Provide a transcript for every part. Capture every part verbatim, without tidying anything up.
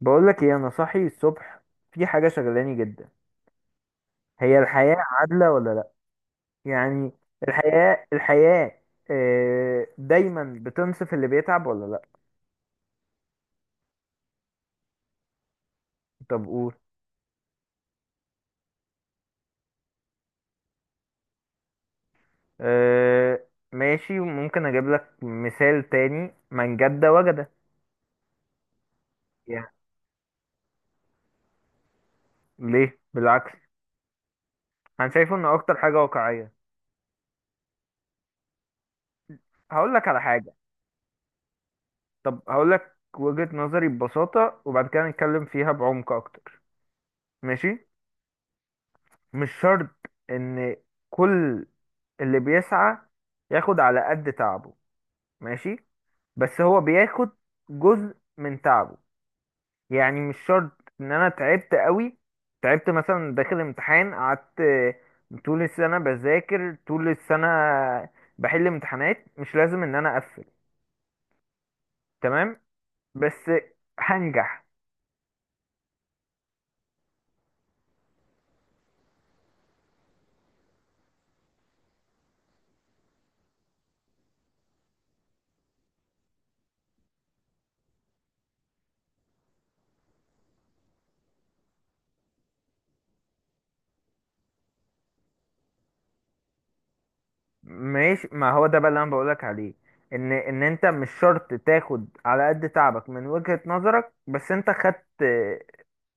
بقولك ايه، انا صاحي الصبح. في حاجة شغلاني جدا. هي الحياة عادلة ولا لا؟ يعني الحياة الحياة، آه، دايما بتنصف اللي بيتعب ولا لا؟ طب قول. آه، ماشي، ممكن اجيب لك مثال تاني من جد وجد. يعني ليه؟ بالعكس، انا شايفه ان اكتر حاجة واقعية. هقول لك على حاجة. طب هقول لك وجهة نظري ببساطة وبعد كده نتكلم فيها بعمق اكتر. ماشي. مش شرط ان كل اللي بيسعى ياخد على قد تعبه، ماشي، بس هو بياخد جزء من تعبه. يعني مش شرط ان انا تعبت قوي، تعبت مثلا داخل امتحان، قعدت طول السنة بذاكر، طول السنة بحل امتحانات، مش لازم ان انا اقفل تمام، بس هنجح. ماشي. ما هو ده بقى اللي انا بقولك عليه، ان ان انت مش شرط تاخد على قد تعبك من وجهة نظرك، بس انت خدت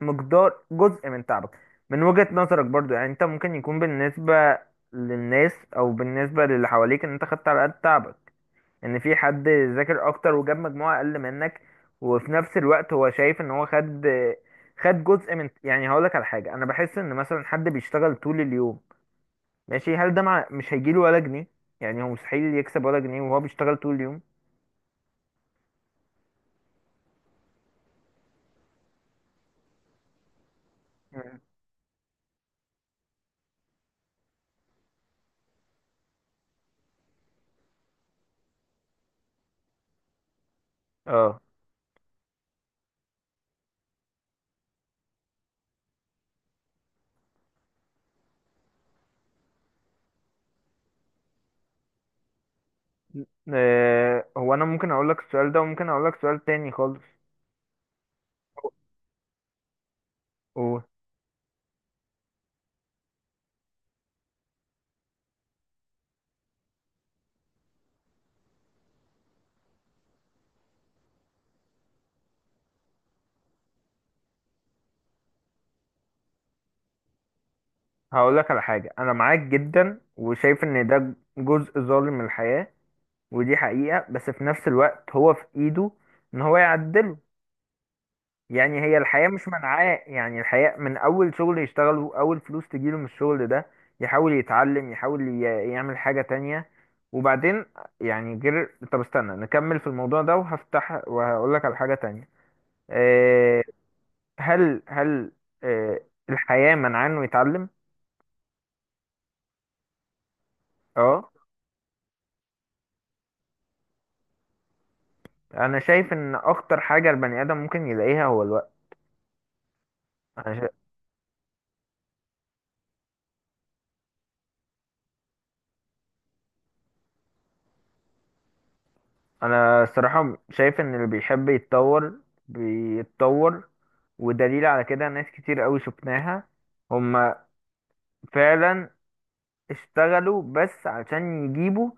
مقدار جزء من تعبك من وجهة نظرك برضو. يعني انت ممكن يكون بالنسبة للناس او بالنسبة للي حواليك ان انت خدت على قد تعبك، ان في حد ذاكر اكتر وجاب مجموعة اقل منك وفي نفس الوقت هو شايف ان هو خد خد جزء من. يعني هقولك على حاجة، انا بحس ان مثلا حد بيشتغل طول اليوم، ماشي، هل ده مع... مش هيجيله ولا جنيه؟ يعني هو مستحيل يكسب ولا جنيه وهو بيشتغل طول اليوم؟ مم. اه. آه، هو انا ممكن اقول لك السؤال ده وممكن اقول لك سؤال تاني خالص. قول. هقول لك على حاجة. انا معاك جدا وشايف ان ده جزء ظالم من الحياة ودي حقيقة، بس في نفس الوقت هو في ايده ان هو يعدله. يعني هي الحياة مش منعاه، يعني الحياة من أول شغل يشتغله، أول فلوس تجيله من الشغل ده، يحاول يتعلم، يحاول ي- يعمل حاجة تانية وبعدين. يعني غير، طب استنى نكمل في الموضوع ده وهفتح وهقولك على حاجة تانية. أه. هل هل أه الحياة منعاه إنه يتعلم؟ اه. أنا شايف إن أخطر حاجة البني آدم ممكن يلاقيها هو الوقت. أنا شا... أنا الصراحة شايف إن اللي بيحب يتطور بيتطور. ودليل على كده ناس كتير قوي شفناها هم فعلا، اشتغلوا بس عشان يجيبوا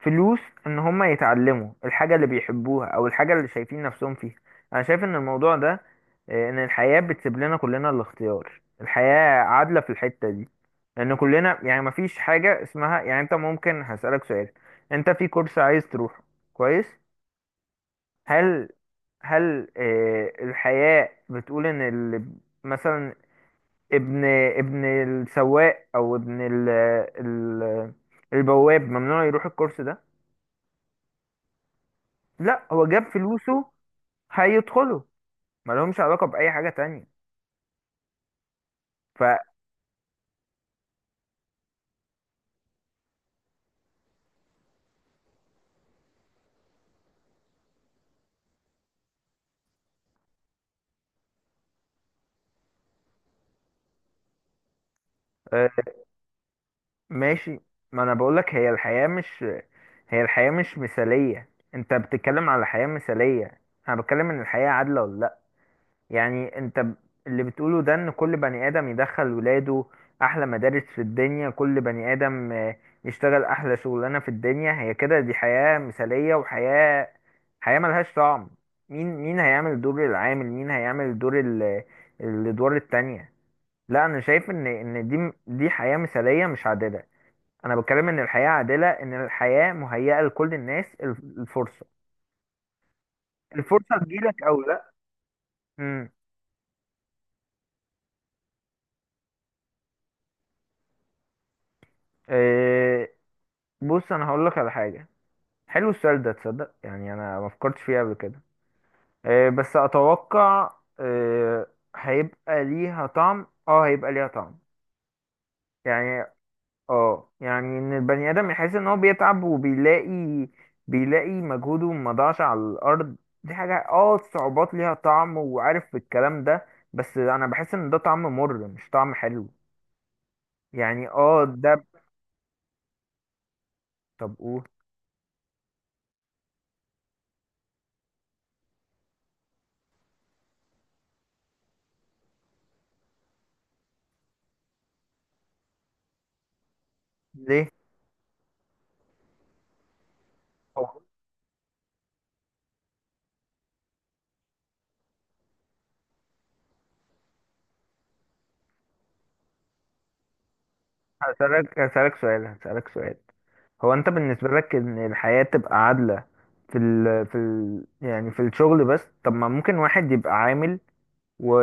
فلوس ان هم يتعلموا الحاجة اللي بيحبوها او الحاجة اللي شايفين نفسهم فيها. انا شايف ان الموضوع ده، آه، ان الحياة بتسيب لنا كلنا الاختيار. الحياة عادلة في الحتة دي، لان كلنا، يعني مفيش حاجة اسمها. يعني انت، ممكن هسألك سؤال: انت في كورس عايز تروحه، كويس، هل هل آه، الحياة بتقول ان اللي مثلا ابن ابن السواق او ابن ال ال البواب ممنوع يروح الكورس ده؟ لا، هو جاب فلوسه هيدخله، ما لهمش علاقة بأي حاجة تانية. ف آه، ماشي. ما انا بقولك، هي الحياة مش هي الحياة مش مثالية، انت بتتكلم على حياة مثالية، انا بتكلم ان الحياة عادلة ولا. يعني انت ب- اللي بتقوله ده ان كل بني ادم يدخل ولاده احلى مدارس في الدنيا، كل بني ادم آه، يشتغل احلى شغلانه في الدنيا. هي كده، دي حياه مثاليه، وحياه حياه ملهاش طعم. مين، مين هيعمل دور العامل؟ مين هيعمل دور ال- الادوار التانية؟ لا، انا شايف ان ان دي دي حياه مثاليه مش عادله. انا بتكلم ان الحياه عادله، ان الحياه مهيئه لكل الناس الف- الفرصه، الفرصه تجيلك او لا. امم. آه، بص انا هقول لك على حاجه. حلو السؤال ده تصدق، يعني انا ما فكرتش فيه قبل كده. آه، بس اتوقع، آه، هيبقى ليها طعم، اه هيبقى ليها طعم. يعني اه يعني ان البني ادم يحس ان هو بيتعب وبيلاقي بيلاقي مجهوده ما ضاعش على الارض. دي حاجة، اه الصعوبات ليها طعم، وعارف الكلام ده، بس انا بحس ان ده طعم مر مش طعم حلو. يعني اه ده. طب قول. ليه؟ هو هسألك هسألك سؤال هسألك سؤال. هو انت بالنسبة لك ان الحياة تبقى عادلة في ال في ال يعني في الشغل بس؟ طب ما ممكن واحد يبقى عامل و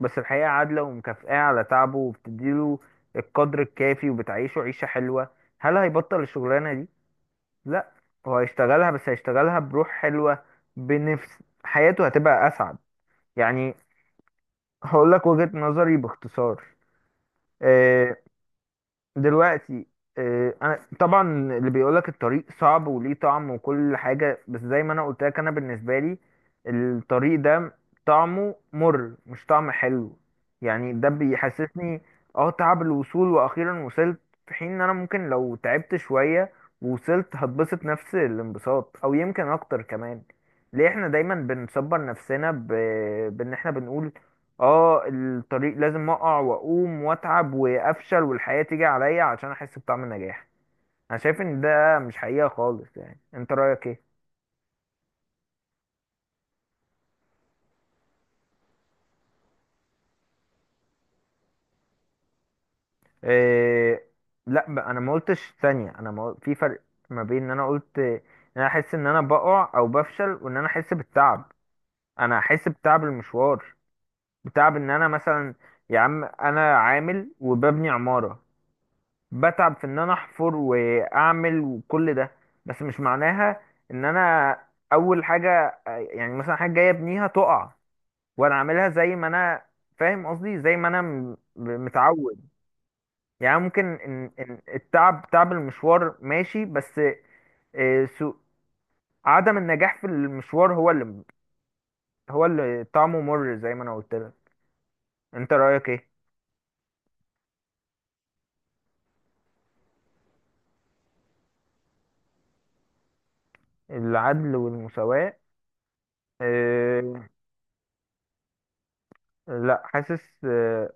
بس الحياة عادلة ومكافئة على تعبه وبتديله القدر الكافي وبتعيشه عيشة حلوة، هل هيبطل الشغلانة دي؟ لا، هو هيشتغلها، بس هيشتغلها بروح حلوة، بنفس، حياته هتبقى أسعد. يعني هقول لك وجهة نظري باختصار. آه، دلوقتي، آه، انا طبعا اللي بيقولك الطريق صعب وليه طعم وكل حاجه، بس زي ما انا قلت لك انا بالنسبه لي الطريق ده طعمه مر مش طعم حلو. يعني ده بيحسسني اه تعب الوصول، واخيرا وصلت، في حين ان انا ممكن لو تعبت شويه ووصلت هتبسط نفس الانبساط او يمكن اكتر كمان. ليه احنا دايما بنصبر نفسنا ب... بان احنا بنقول اه الطريق لازم اقع واقوم واتعب وافشل والحياة تيجي عليا عشان احس بطعم النجاح؟ انا شايف ان ده مش حقيقة خالص. يعني انت رأيك ايه؟ إيه؟ لا بقى، انا ما قلتش ثانية، انا ما قل- في فرق ما بين ان انا قلت ان انا احس ان انا بقع او بفشل وان انا احس بالتعب. انا احس بتعب المشوار، بتعب ان انا مثلا، يا عم انا عامل وببني عمارة، بتعب في ان انا احفر واعمل وكل ده، بس مش معناها ان انا اول حاجه، يعني مثلا حاجه جايه ابنيها تقع، وانا اعملها زي ما انا، فاهم قصدي؟ زي ما انا م- متعود. يعني ممكن إن إن التعب، تعب المشوار، ماشي، بس آه، سو عدم النجاح في المشوار هو اللي هو اللي طعمه مر، زي ما انا قلت لك. انت رايك ايه؟ العدل والمساواه؟ آه. لا، حاسس، آه،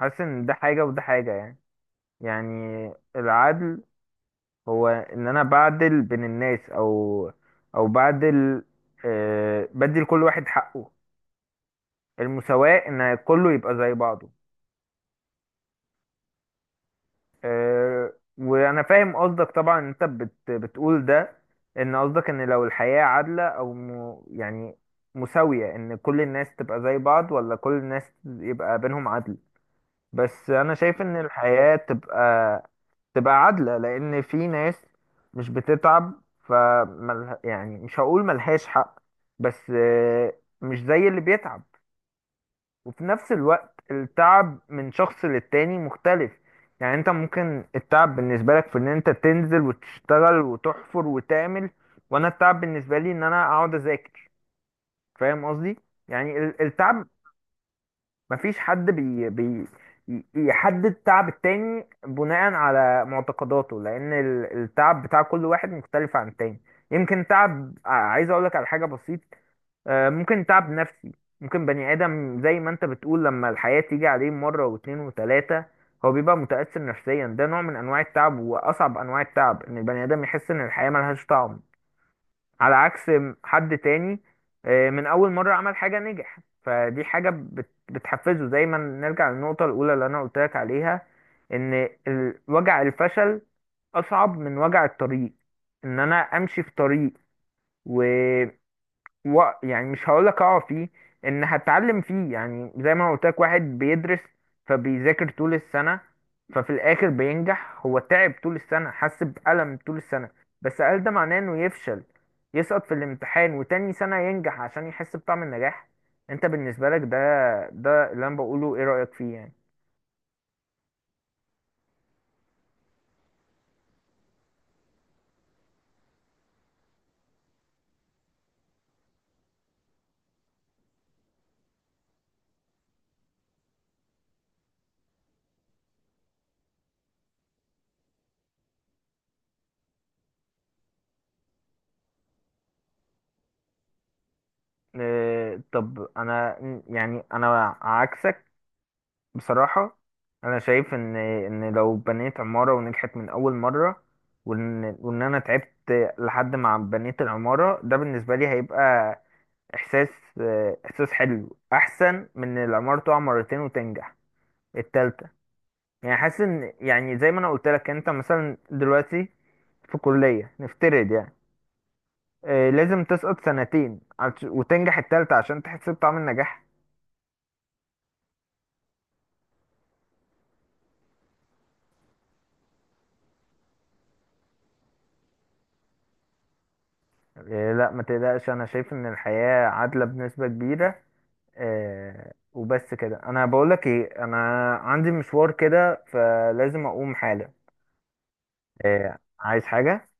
حاسس ان ده حاجه وده حاجه يعني. يعني العدل هو ان انا بعدل بين الناس او او بعدل، آه، بدي لكل واحد حقه. المساواة ان كله يبقى زي بعضه. آه. وانا فاهم قصدك طبعا. انت بت بتقول ده، ان قصدك ان لو الحياة عادلة او م يعني مساوية، ان كل الناس تبقى زي بعض، ولا كل الناس يبقى بينهم عدل. بس انا شايف ان الحياة تبقى تبقى عادلة، لأن في ناس مش بتتعب، فملها، يعني مش هقول ملهاش حق، بس آه، مش زي اللي بيتعب. وفي نفس الوقت التعب من شخص للتاني مختلف. يعني انت ممكن التعب بالنسبة لك في ان انت تنزل وتشتغل وتحفر وتعمل، وانا التعب بالنسبة لي ان انا اقعد اذاكر، فاهم قصدي؟ يعني ال- التعب، مفيش حد بي بي ي- يحدد تعب التاني بناء على معتقداته، لأن ال- التعب بتاع كل واحد مختلف عن التاني. يمكن تعب ع- عايز أقولك على حاجة بسيط. آه، ممكن تعب نفسي، ممكن بني آدم زي ما أنت بتقول، لما الحياة تيجي عليه مرة واتنين وتلاتة، هو بيبقى متأثر نفسيا، ده نوع من أنواع التعب، وأصعب أنواع التعب إن البني آدم يحس إن الحياة ملهاش طعم. على عكس حد تاني آه، من اول مرة عمل حاجة نجح، فدي حاجة بت- بتحفزه، زي ما نرجع للنقطة الاولى اللي انا قلت لك عليها، ان ال- وجع الفشل اصعب من وجع الطريق. ان انا امشي في طريق و، يعني مش هقولك اقع فيه، ان هتعلم فيه، يعني زي ما قلت لك واحد بيدرس فبيذاكر طول السنة، ففي الاخر بينجح. هو تعب طول السنة، حس بألم طول السنة، بس هل ده معناه انه يفشل، يسقط في الامتحان، وتاني سنة ينجح عشان يحس بطعم النجاح؟ انت بالنسبة لك ده ده اللي انا بقوله، ايه رأيك فيه يعني؟ اه، طب انا، يعني انا عكسك بصراحة. أنا شايف إن إن لو بنيت عمارة ونجحت من أول مرة، وإن وإن أنا تعبت لحد ما بنيت العمارة، ده بالنسبة لي هيبقى إحساس، إحساس حلو أحسن من إن العمارة تقع مرتين وتنجح التالتة. يعني حاسس إن، يعني زي ما أنا قلت لك، أنت مثلا دلوقتي في كلية نفترض يعني، آه، لازم تسقط سنتين عش- وتنجح التالتة عشان تحس بطعم النجاح؟ آه، لا، ما تقلقش، أنا شايف إن الحياة عادلة بنسبة كبيرة. آه، وبس كده. انا بقول لك ايه، انا عندي مشوار كده فلازم اقوم حالا. آه، عايز حاجة؟